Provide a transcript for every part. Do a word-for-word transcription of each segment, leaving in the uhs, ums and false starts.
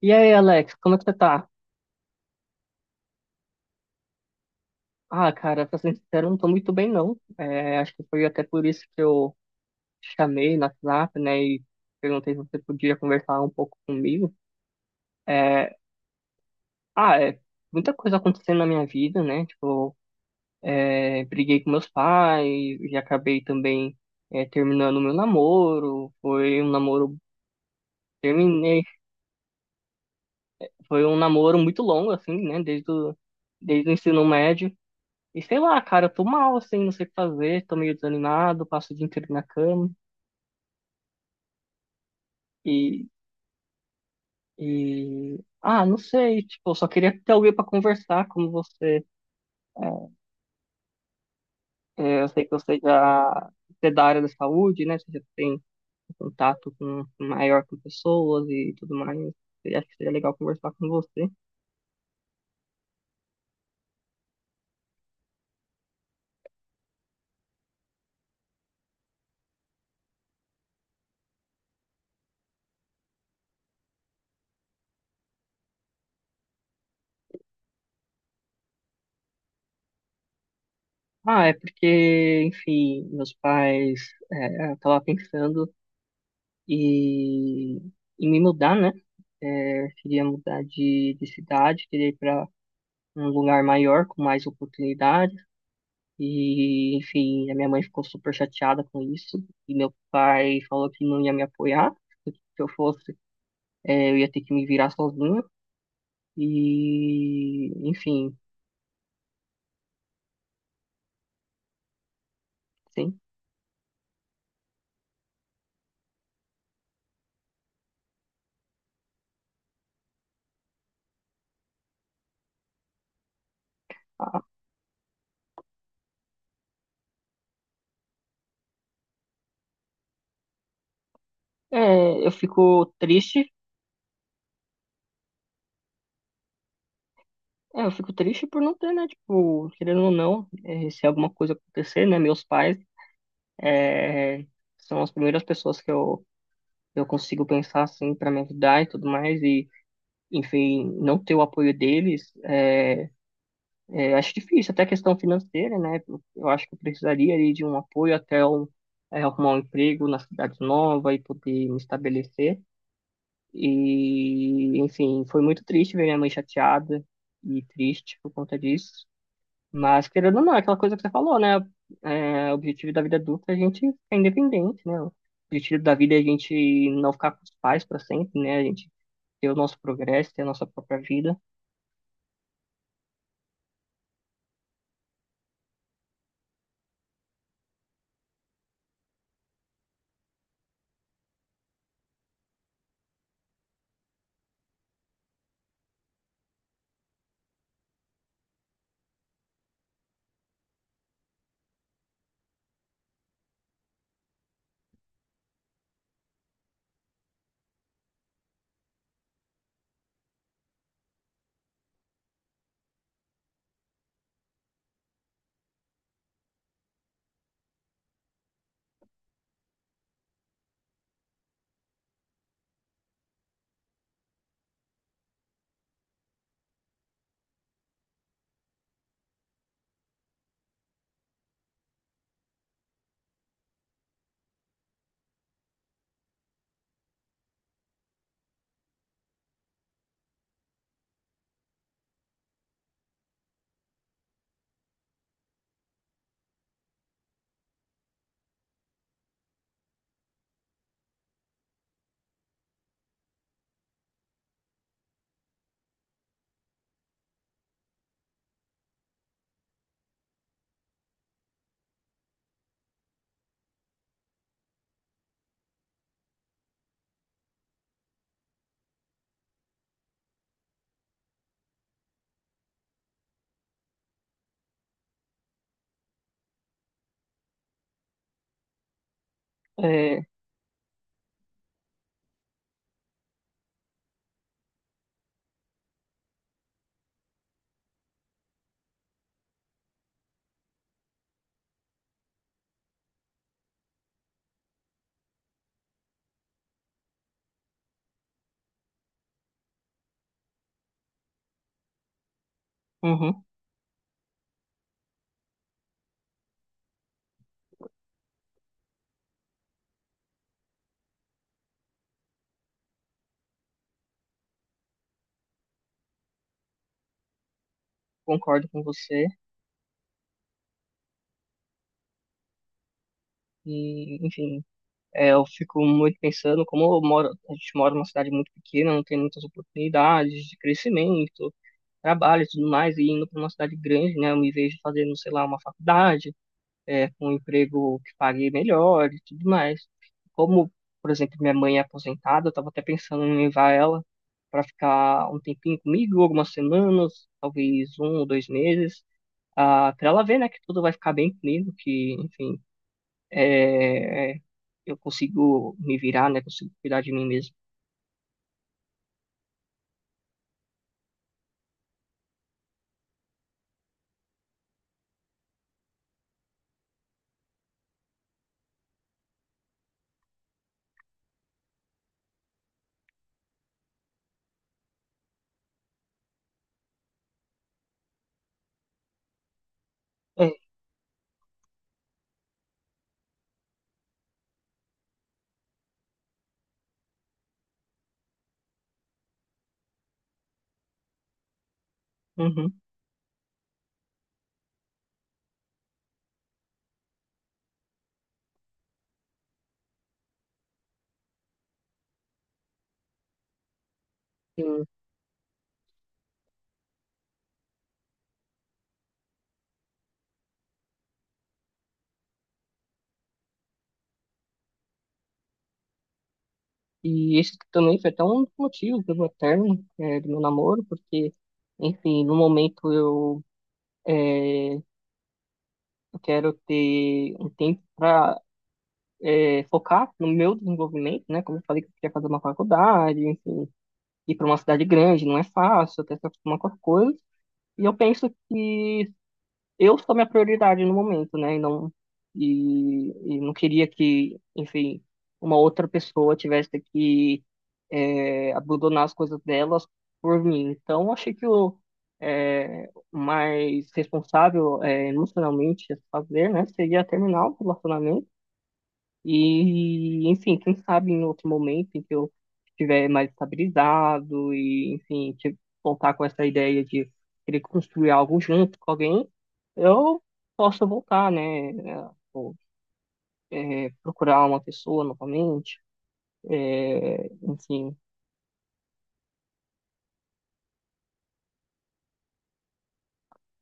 E aí, Alex, como é que você tá? Ah, cara, pra ser sincero, eu não tô muito bem, não. É, acho que foi até por isso que eu te chamei no WhatsApp, né, e perguntei se você podia conversar um pouco comigo. É, ah, é Muita coisa acontecendo na minha vida, né, tipo, é, briguei com meus pais e acabei também é, terminando meu namoro. Foi um namoro, terminei, foi um namoro muito longo, assim, né, desde o, desde o ensino médio. E sei lá, cara, eu tô mal, assim, não sei o que fazer, tô meio desanimado, passo o dia inteiro na cama e, e... Ah, não sei, tipo, eu só queria ter alguém pra conversar como você. É, é, eu sei que você já você é da área da saúde, né? Você já tem contato com, maior com pessoas e tudo mais. Eu acho que seria legal conversar com você. Ah, é porque, enfim, meus pais, é, eu tava pensando e, e me mudar, né? É, queria mudar de, de cidade, queria ir para um lugar maior, com mais oportunidades. E, enfim, a minha mãe ficou super chateada com isso. E meu pai falou que não ia me apoiar, que se eu fosse, é, eu ia ter que me virar sozinha. E, enfim, sim. Ah, É, eu fico triste. É, eu fico triste por não ter, né? Tipo, querendo ou não, é, se alguma coisa acontecer, né? Meus pais É, são as primeiras pessoas que eu, eu consigo pensar assim para me ajudar e tudo mais, e enfim, não ter o apoio deles é, é, acho difícil, até questão financeira, né? Eu acho que eu precisaria ali de um apoio até eu é, arrumar um emprego na cidade nova e poder me estabelecer. E enfim, foi muito triste ver minha mãe chateada e triste por conta disso, mas, querendo ou não, é aquela coisa que você falou, né? É, o objetivo da vida adulta é a gente ficar independente, né? O objetivo da vida é a gente não ficar com os pais para sempre, né? A gente ter o nosso progresso, ter a nossa própria vida. É, uhum, concordo com você. E, enfim, é, eu fico muito pensando, como eu moro, a gente mora numa cidade muito pequena, não tem muitas oportunidades de crescimento, trabalho e tudo mais, e indo para uma cidade grande, né? Eu me vejo fazendo, sei lá, uma faculdade é, com um emprego que pague melhor e tudo mais. Como, por exemplo, minha mãe é aposentada, eu estava até pensando em levar ela para ficar um tempinho comigo, algumas semanas, talvez um ou dois meses, ah, para ela ver, né, que tudo vai ficar bem comigo, que, enfim, é, eu consigo me virar, né, consigo cuidar de mim mesmo. É, uhum, sim. E esse também foi até um motivo do meu término, é, do meu namoro, porque, enfim, no momento eu é, Eu quero ter um tempo para focar no meu desenvolvimento, né? Como eu falei que eu queria fazer uma faculdade, enfim, ir para uma cidade grande não é fácil, até se acostumar com as coisas. E eu penso que eu sou minha prioridade no momento, né? E não, e, e não queria que, enfim, uma outra pessoa tivesse que é, abandonar as coisas delas por mim. Então, eu achei que o é, mais responsável é, emocionalmente a se fazer, né, seria terminar o relacionamento. E, enfim, quem sabe em outro momento em que eu estiver mais estabilizado e, enfim, te- voltar com essa ideia de querer construir algo junto com alguém, eu posso voltar, né? É, ou, é, procurar uma pessoa novamente, enfim.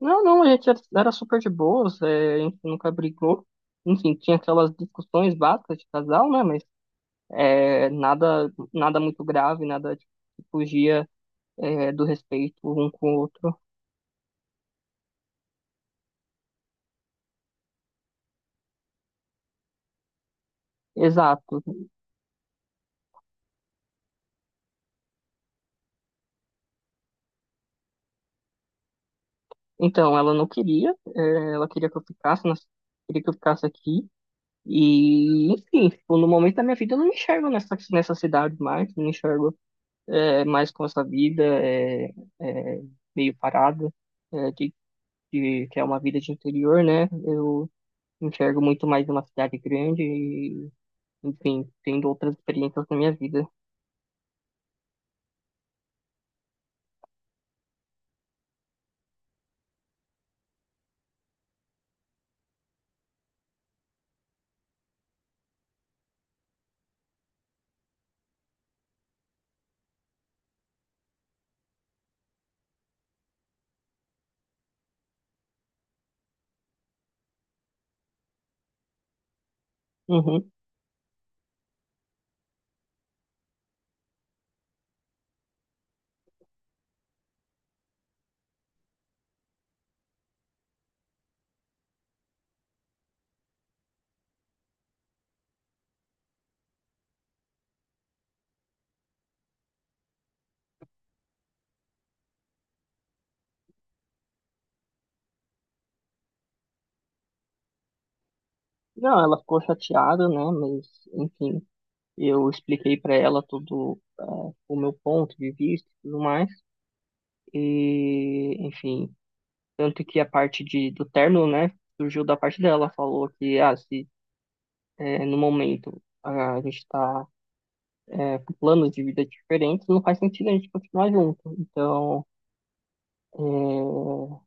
Não, não, a gente era era super de boas, é, a gente nunca brigou. Enfim, tinha aquelas discussões básicas de casal, né? Mas é, nada, nada muito grave, nada tipo, que fugia é, do respeito um com o outro. Exato. Então, ela não queria, é, ela queria que eu ficasse, nós- queria que eu ficasse aqui. E, enfim, tipo, no momento da minha vida eu não me enxergo nessa, nessa cidade mais, não me enxergo é, mais com essa vida é, é, meio parada, é, de de- que é uma vida de interior, né? Eu enxergo muito mais uma cidade grande e, enfim, tendo outras experiências na minha vida. Uhum. Não, ela ficou chateada, né? Mas, enfim, eu expliquei para ela todo ah, o meu ponto de vista e tudo mais. E, enfim, tanto que a parte de, do término, né? Surgiu da parte dela, falou que, ah, se eh, no momento ah, a gente está com planos de vida diferentes, não faz sentido a gente continuar junto. Então, é,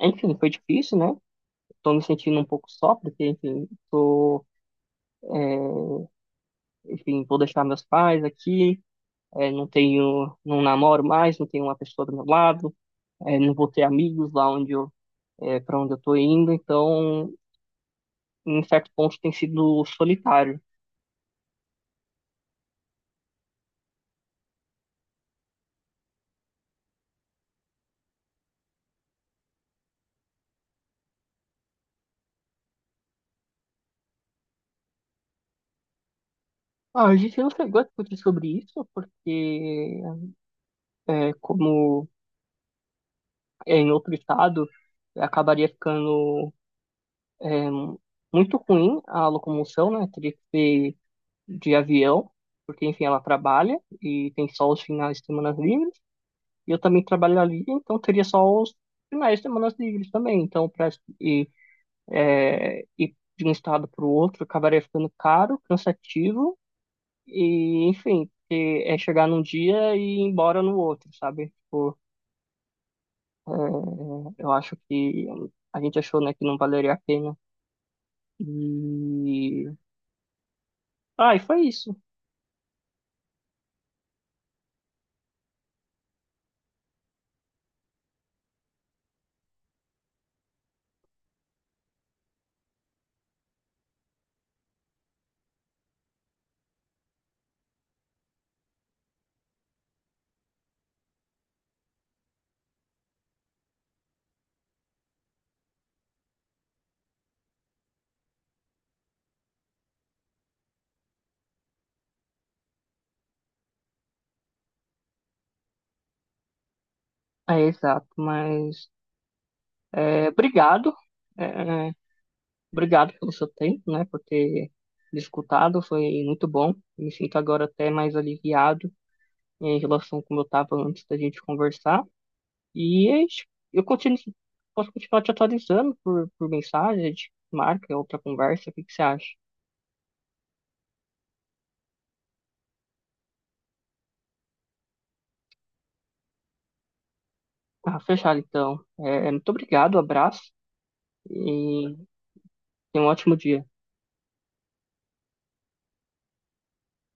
enfim, foi difícil, né? Tô me sentindo um pouco só, porque, enfim, tô, enfim, vou deixar meus pais aqui, é, não tenho, não namoro mais, não tenho uma pessoa do meu lado, é, não vou ter amigos lá onde eu, é, para onde eu tô indo, então, em certo ponto, tem sido solitário. Ah, a gente não chegou a discutir sobre isso, porque, é, como é em outro estado, acabaria ficando, é, muito ruim a locomoção, né? Teria que ser de avião, porque, enfim, ela trabalha e tem só os finais de semana livres. E eu também trabalho ali, então teria só os finais de semana livres também. Então, para ir, é, ir de um estado para o outro acabaria ficando caro, cansativo e, enfim, porque é chegar num dia e ir embora no outro, sabe? Tipo, é, eu acho que a gente achou, né, que não valeria a pena. E... Ah, e foi isso. É, exato, mas... é, obrigado. É, Obrigado pelo seu tempo, né, por ter me escutado, foi muito bom. Me sinto agora até mais aliviado em relação como eu estava antes da gente conversar. E é isso. eu continuo, Posso continuar te atualizando por, por mensagem, a gente marca outra conversa, o que que você acha? Ah, fechado então. É, muito obrigado, abraço e tenha um ótimo dia.